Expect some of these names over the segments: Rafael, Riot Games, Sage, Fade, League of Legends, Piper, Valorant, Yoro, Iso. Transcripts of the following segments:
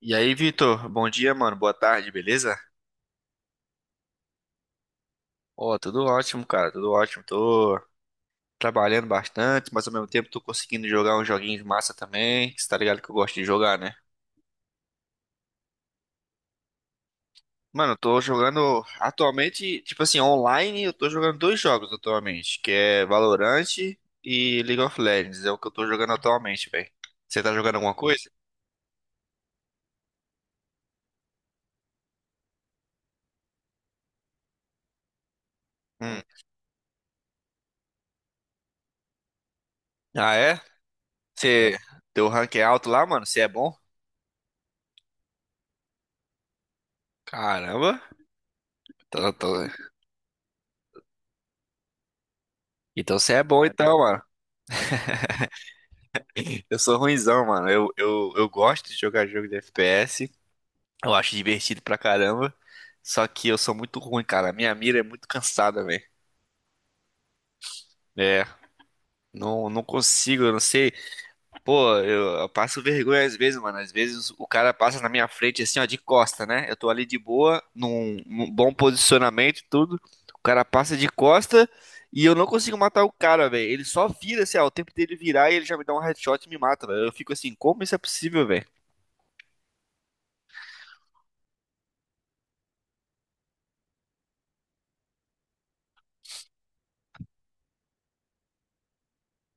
E aí, Vitor? Bom dia, mano. Boa tarde, beleza? Ó, tudo ótimo, cara. Tudo ótimo. Tô trabalhando bastante, mas ao mesmo tempo tô conseguindo jogar uns joguinhos massa também. Você tá ligado que eu gosto de jogar, né? Mano, eu tô jogando atualmente, tipo assim, online, eu tô jogando dois jogos atualmente, que é Valorant e League of Legends. É o que eu tô jogando atualmente, velho. Você tá jogando alguma coisa? Hum. Ah, é? Você... Teu rank é alto lá, mano? Você é bom? Caramba. Tô- tô- Então você é bom então, mano. Eu sou ruinzão, mano. Eu gosto de jogar jogo de FPS. Eu acho divertido pra caramba. Só que eu sou muito ruim, cara. A minha mira é muito cansada, velho. É. Não, não consigo, eu não sei. Pô, eu passo vergonha às vezes, mano. Às vezes o cara passa na minha frente assim, ó, de costa, né? Eu tô ali de boa, num bom posicionamento, e tudo. O cara passa de costa e eu não consigo matar o cara, velho. Ele só vira, assim, ó, o tempo dele virar e ele já me dá um headshot e me mata, velho. Eu fico assim, como isso é possível, velho?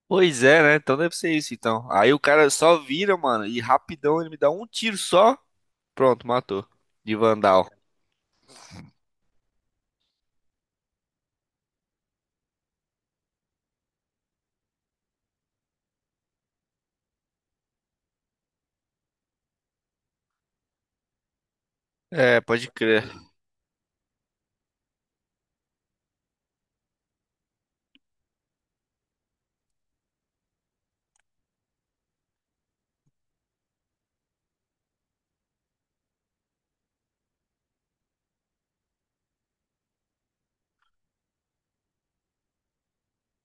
Pois é, né? Então deve ser isso, então. Aí o cara só vira, mano, e rapidão ele me dá um tiro só. Pronto, matou. De Vandal. É, pode crer.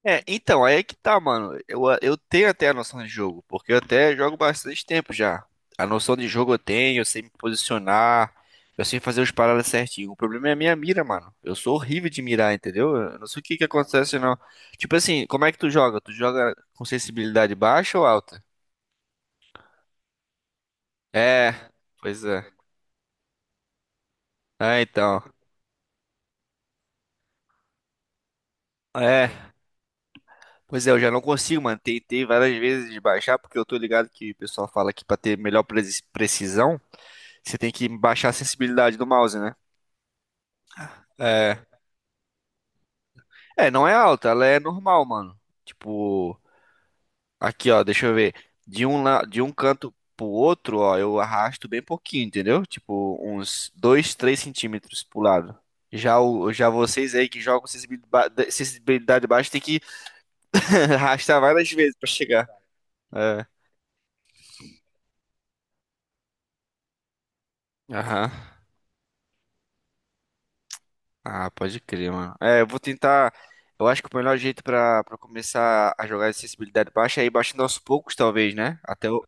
É, então, aí é que tá, mano. Eu tenho até a noção de jogo, porque eu até jogo bastante tempo já. A noção de jogo eu tenho, eu sei me posicionar, eu sei fazer os paradas certinho. O problema é a minha mira, mano. Eu sou horrível de mirar, entendeu? Eu não sei o que que acontece, não. Tipo assim, como é que tu joga? Tu joga com sensibilidade baixa ou alta? É, pois é. Ah, então. É, pois é, eu já não consigo, mano. Tentei várias vezes de baixar, porque eu tô ligado que o pessoal fala que pra ter melhor precisão, você tem que baixar a sensibilidade do mouse, né? É. É, não é alta, ela é normal, mano. Tipo, aqui, ó, deixa eu ver. De um canto pro outro, ó, eu arrasto bem pouquinho, entendeu? Tipo, uns 2, 3 centímetros pro lado. Já vocês aí que jogam sensibilidade, baixa, tem que arrastar várias vezes pra chegar. É. Aham. Ah, pode crer, mano. É, eu vou tentar. Eu acho que o melhor jeito pra para começar a jogar de sensibilidade baixa é ir baixando aos poucos, talvez, né? Até o.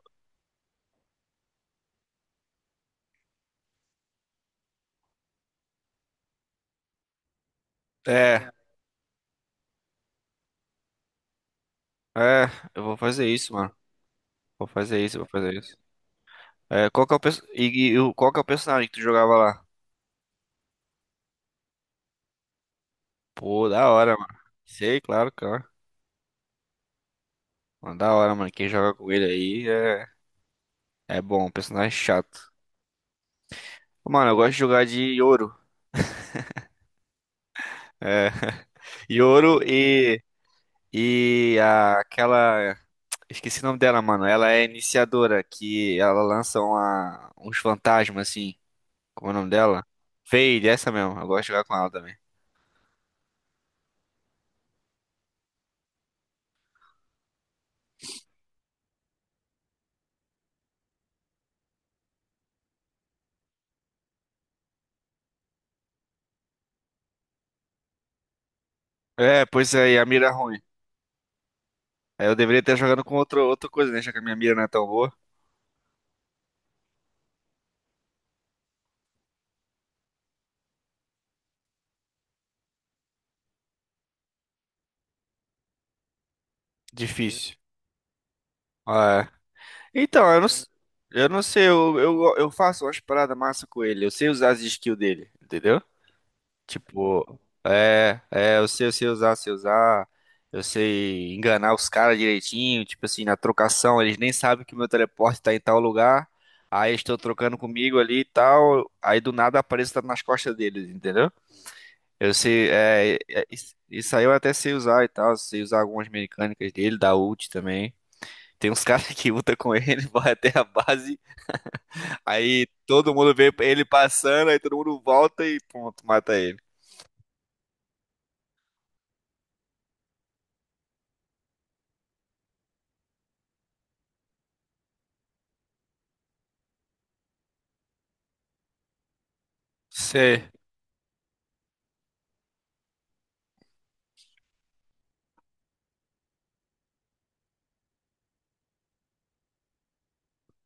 É, é, eu vou fazer isso, mano. Vou fazer isso, vou fazer isso. É, qual que é o personagem que tu jogava lá? Pô, da hora, mano. Sei, claro, claro. Mano, da hora, mano. Quem joga com ele aí é bom, um personagem chato. Mano, eu gosto de jogar de Yoro. É. Yoro e, aquela. Esqueci o nome dela, mano. Ela é iniciadora, que ela lança uns fantasmas, assim. Como é o nome dela? Fade, essa mesmo. Eu gosto de jogar com ela também. É, pois é, e a mira é ruim. Aí eu deveria estar jogando com outro, outra coisa, né? Já que a minha mira não é tão boa. Difícil. Ah, é. Então, eu não, eu não sei, eu faço umas paradas massa com ele. Eu sei usar as skills dele, entendeu? Tipo, é, é, eu sei usar, eu sei enganar os caras direitinho, tipo assim, na trocação, eles nem sabem que o meu teleporte tá em tal lugar, aí estou trocando comigo ali e tal, aí do nada apareço tá nas costas deles, entendeu? Eu sei, é, é, é, isso aí eu até sei usar e tal, sei usar algumas mecânicas dele, da ult também. Tem uns caras que lutam com ele, vai até a base, aí todo mundo vê ele passando, aí todo mundo volta e pronto, mata ele. Sei,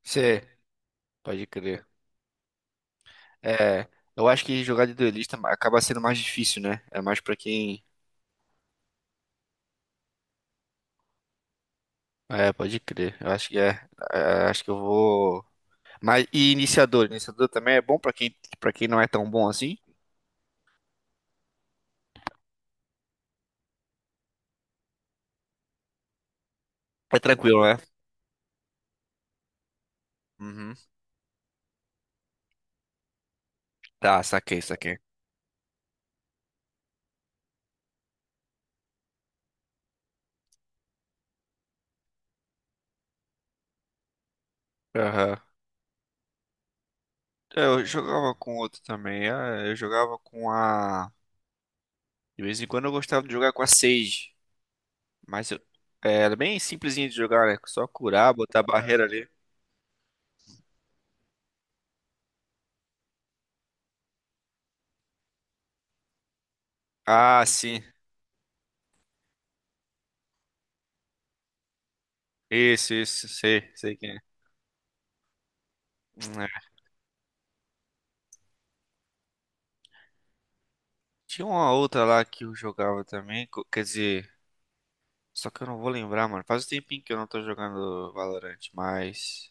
sei. Pode crer. É, eu acho que jogar de duelista acaba sendo mais difícil, né? É mais pra quem. É, pode crer. Eu acho que é. É, acho que eu vou. Mas e iniciador? Iniciador também é bom pra quem para quem não é tão bom assim? É tranquilo, né? Uhum. Tá, saquei, saquei. Aham. É, eu jogava com outro também. Ah, eu jogava com a. De vez em quando eu gostava de jogar com a Sage. Mas eu. É, era bem simplesinho de jogar, né? Só curar, botar a barreira ali. Ah, sim. Isso, isso. Sei, sei quem é. É, tinha uma outra lá que eu jogava também, quer dizer, só que eu não vou lembrar, mano. Faz um tempinho que eu não tô jogando Valorant, mas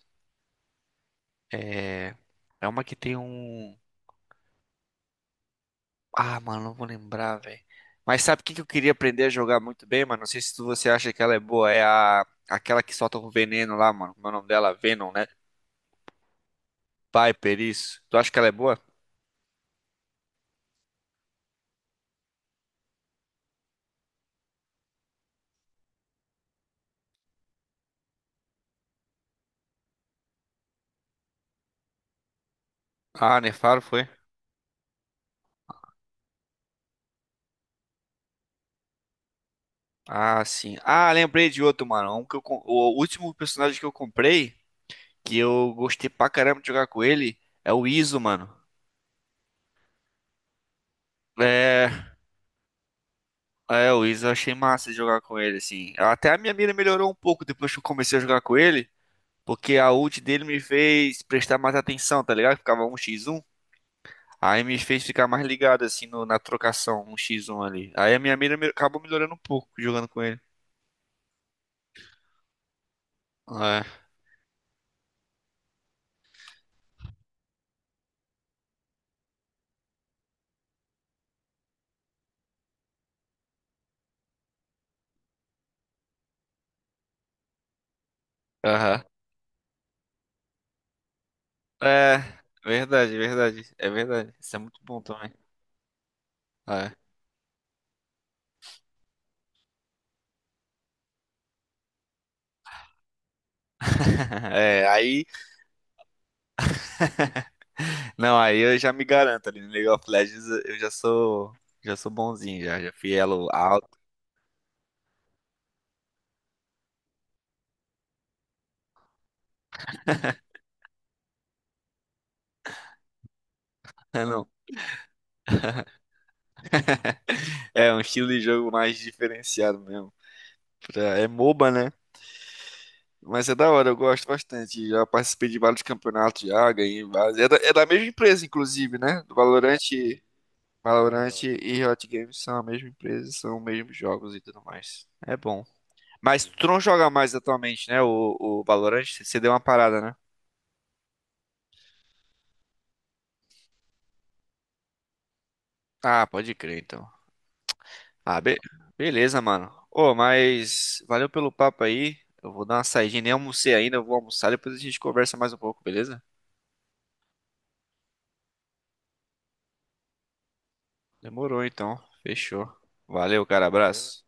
é é uma que tem um. Ah, mano, não vou lembrar, velho. Mas sabe o que que eu queria aprender a jogar muito bem, mano? Não sei se você acha que ela é boa, é a aquela que solta o veneno lá, mano. Como é o nome dela? Venom, né? Piper, isso. Tu acha que ela é boa? Ah, nefaro foi? Ah, sim. Ah, lembrei de outro, mano. O último personagem que eu comprei que eu gostei pra caramba de jogar com ele é o Iso, mano. É, é, o Iso eu achei massa de jogar com ele, assim. Até a minha mira melhorou um pouco depois que eu comecei a jogar com ele, porque a ult dele me fez prestar mais atenção, tá ligado? Ficava um x 1. Aí me fez ficar mais ligado, assim, na trocação um x 1 ali. Aí a minha mira acabou melhorando um pouco jogando com ele. É, aham. É, verdade, verdade. É verdade. Isso é muito bom também. É. É, aí. Não, aí eu já me garanto ali no League of Legends, eu já sou bonzinho já, já fui elo alto. Não, é um estilo de jogo mais diferenciado mesmo. É MOBA, né? Mas é da hora, eu gosto bastante. Já participei de vários campeonatos já, ganhei vários. É da mesma empresa, inclusive, né? Do Valorant, Valorant e Riot Games são a mesma empresa, são os mesmos jogos e tudo mais. É bom. Mas tu não joga mais atualmente, né? O Valorant, você deu uma parada, né? Ah, pode crer, então. Ah, beleza, mano. Ô, mas valeu pelo papo aí. Eu vou dar uma saidinha, nem almocei ainda, eu vou almoçar, depois a gente conversa mais um pouco, beleza? Demorou então. Fechou. Valeu, cara, abraço.